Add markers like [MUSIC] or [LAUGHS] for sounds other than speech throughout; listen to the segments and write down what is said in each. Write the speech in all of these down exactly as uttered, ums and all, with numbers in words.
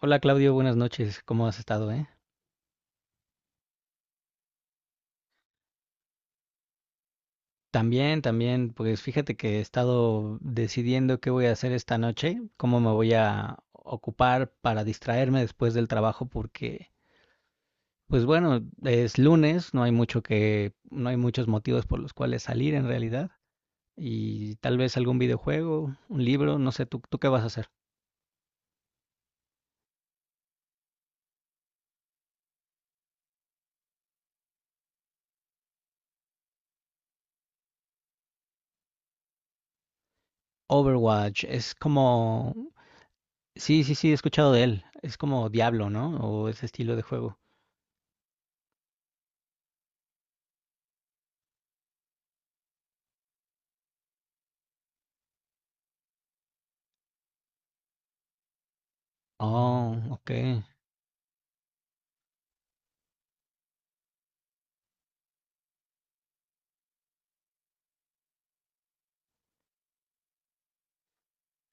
Hola Claudio, buenas noches. ¿Cómo has estado, eh? También, también, pues fíjate que he estado decidiendo qué voy a hacer esta noche, cómo me voy a ocupar para distraerme después del trabajo porque pues bueno, es lunes, no hay mucho que no hay muchos motivos por los cuales salir en realidad, y tal vez algún videojuego, un libro, no sé. Tú tú qué vas a hacer? Overwatch es como... Sí, sí, sí, he escuchado de él. Es como Diablo, ¿no? O ese estilo de juego. Oh, ok.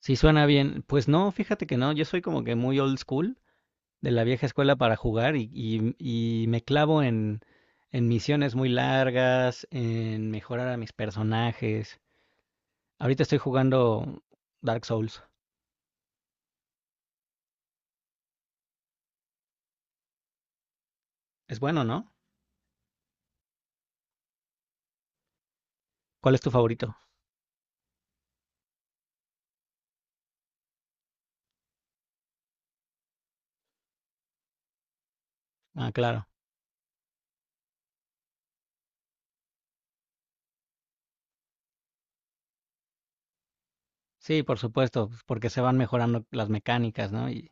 Si suena bien. Pues no, fíjate que no, yo soy como que muy old school, de la vieja escuela para jugar, y, y- y me clavo en, en misiones muy largas, en mejorar a mis personajes. Ahorita estoy jugando Dark Souls. Es bueno, ¿no? ¿Cuál es tu favorito? Ah, claro. Sí, por supuesto, pues, porque se van mejorando las mecánicas, ¿no? Y...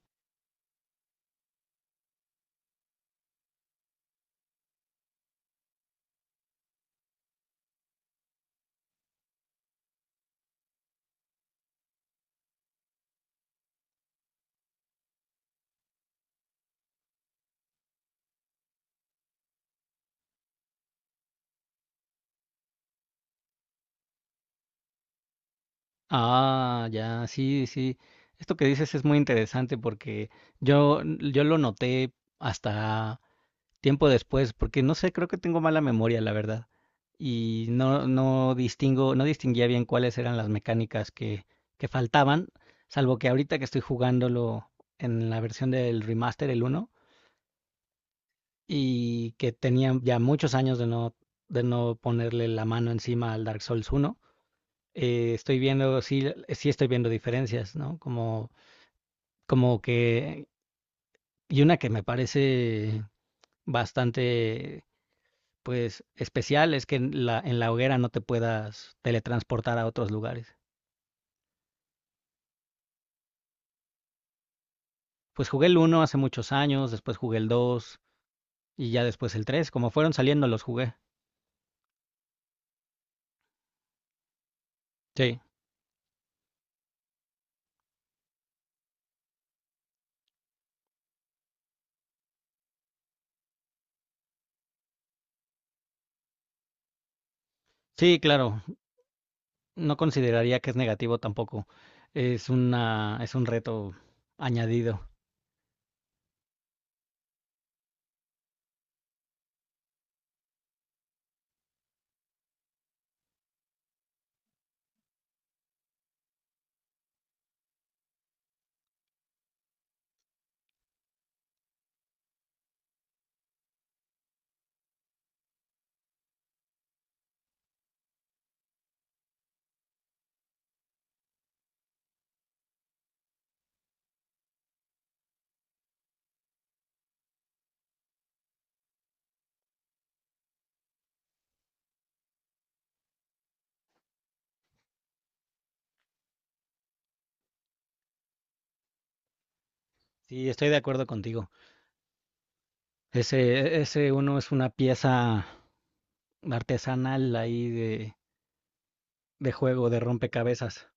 Ah, ya, sí, sí. Esto que dices es muy interesante porque yo, yo lo noté hasta... tiempo después, porque no sé, creo que tengo mala memoria, la verdad. Y no, no distingo, no distinguía bien cuáles eran las mecánicas que, que faltaban, salvo que ahorita que estoy jugándolo en la versión del remaster, el uno, y que tenía ya muchos años de no, de no ponerle la mano encima al Dark Souls uno. Eh, estoy viendo, sí, sí estoy viendo diferencias, ¿no? Como, como que... Y una que me parece bastante pues especial es que en la, en la hoguera no te puedas teletransportar a otros lugares. Pues jugué el uno hace muchos años, después jugué el dos y ya después el tres. Como fueron saliendo los jugué. Sí, sí, claro. No consideraría que es negativo tampoco. Es una, es un reto añadido. Sí, estoy de acuerdo contigo. Ese, ese uno es una pieza artesanal ahí de, de juego, de rompecabezas.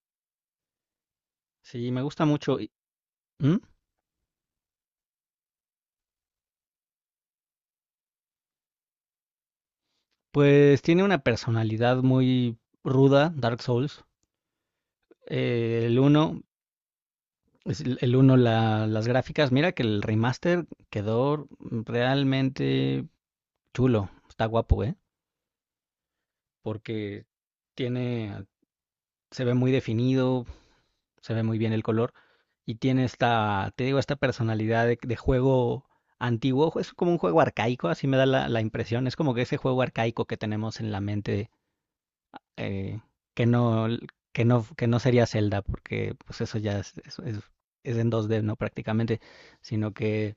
Sí, me gusta mucho. ¿Mm? Pues tiene una personalidad muy ruda, Dark Souls. Eh, el uno es el el uno, la- las gráficas. Mira que el remaster quedó realmente chulo, está guapo, ¿eh? Porque tiene, se ve muy definido, se ve muy bien el color, y tiene esta, te digo, esta personalidad de, de juego antiguo. Es como un juego arcaico, así me da la, la impresión. Es como que ese juego arcaico que tenemos en la mente, eh, que no, que no, que no sería Zelda, porque pues eso ya es, es- es- es en dos D, ¿no? Prácticamente. Sino que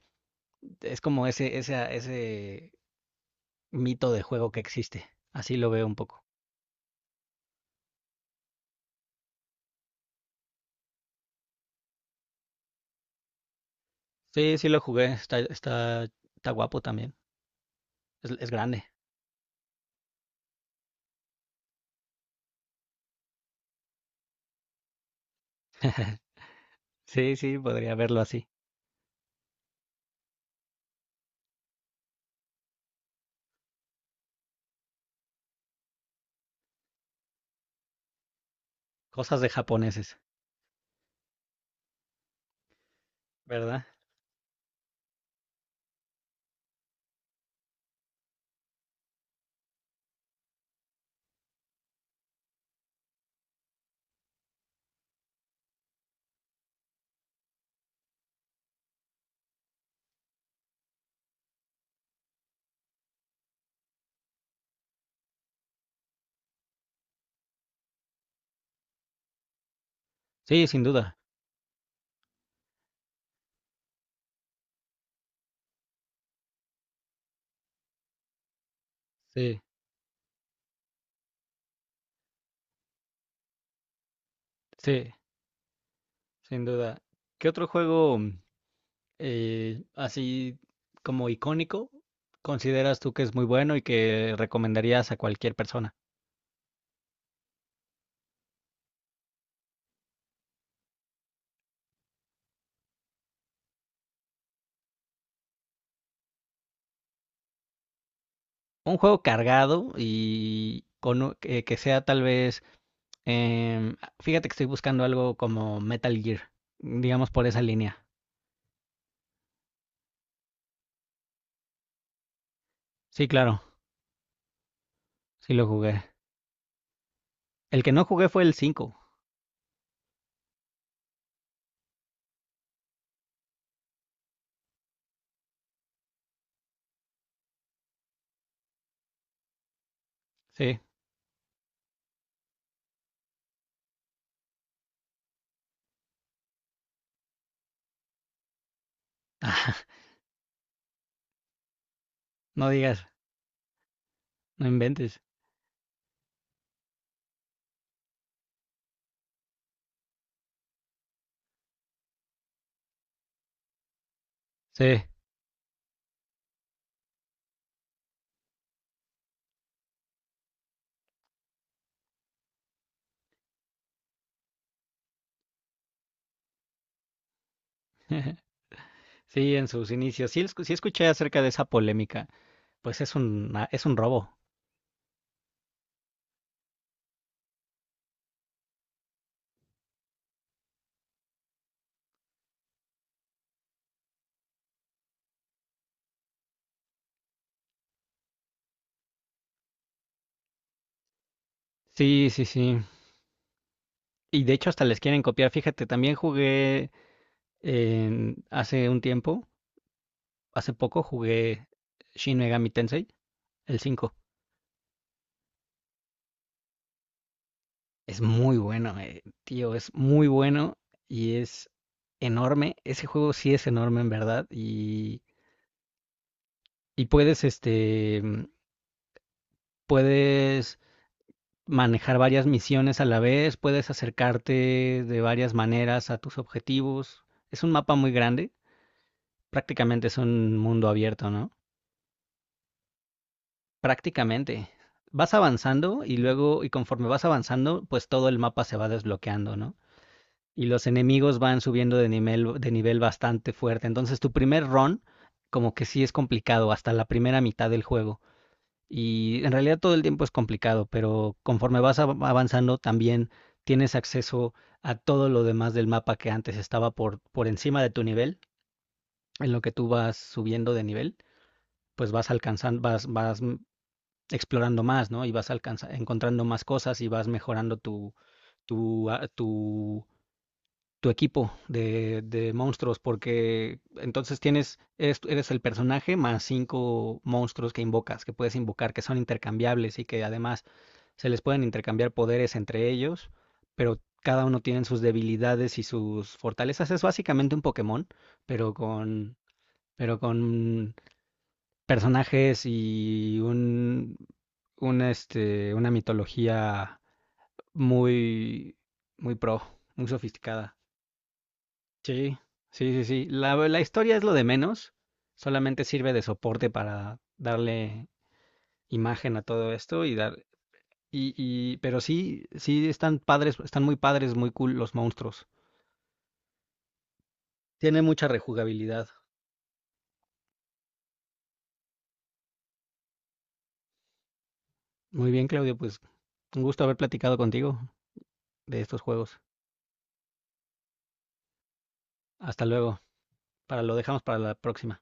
es como ese, ese, ese mito de juego que existe. Así lo veo un poco. Sí, sí lo jugué, está, está, está guapo también. Es, es grande. Sí, sí, podría verlo así. Cosas de japoneses, ¿verdad? Sí, sin duda. Sí, sí, sin duda. ¿Qué otro juego eh, así como icónico consideras tú que es muy bueno y que recomendarías a cualquier persona? Un juego cargado y con, u- que, que sea tal vez, em, fíjate que estoy buscando algo como Metal Gear, digamos por esa línea. Sí, claro, sí lo jugué. El que no jugué fue el cinco. Sí. [LAUGHS] No digas, no inventes. Sí, [LAUGHS] sí, en sus inicios. Sí, escu- sí escuché acerca de esa polémica. Pues es un, ah, es un robo. Sí, sí, sí. Y de hecho hasta les quieren copiar. Fíjate, también jugué en- hace un tiempo, hace poco jugué Shin Megami Tensei, el cinco. Es muy bueno, eh, tío, es muy bueno y es enorme. Ese juego sí es enorme en verdad, y, y puedes, este, mm, puedes manejar varias misiones a la vez, puedes acercarte de varias maneras a tus objetivos. Es un mapa muy grande, prácticamente es un mundo abierto, ¿no? Prácticamente. Vas avanzando y luego, y conforme vas avanzando, pues todo el mapa se va desbloqueando, ¿no? Y los enemigos van subiendo de nivel, de nivel bastante fuerte. Entonces, tu primer run, como que sí es complicado, hasta la primera mitad del juego. Y en realidad todo el tiempo es complicado, pero conforme vas av- avanzando también tienes acceso a todo lo demás del mapa que antes estaba por, por encima de tu nivel. En lo que tú vas subiendo de nivel, pues vas alcanzando, vas, vas explorando más, ¿no? Y vas alcanza- encontrando más cosas, y vas mejorando tu, tu, ah, tu, tu equipo de, de monstruos, porque entonces tienes, eres, eres el personaje más cinco monstruos que invocas, que puedes invocar, que son intercambiables y que además se les pueden intercambiar poderes entre ellos, pero cada uno tiene sus debilidades y sus fortalezas. Es básicamente un Pokémon, pero con, pero con personajes y un, un, este, una mitología muy, muy pro, muy sofisticada. Sí, sí, sí, sí. La, la historia es lo de menos, solamente sirve de soporte para darle imagen a todo esto y dar... Y, y, pero sí, sí están padres, están muy padres, muy cool los monstruos. Tiene mucha rejugabilidad. Muy bien, Claudio, pues un gusto haber platicado contigo de estos juegos. Hasta luego. Para lo dejamos para la próxima.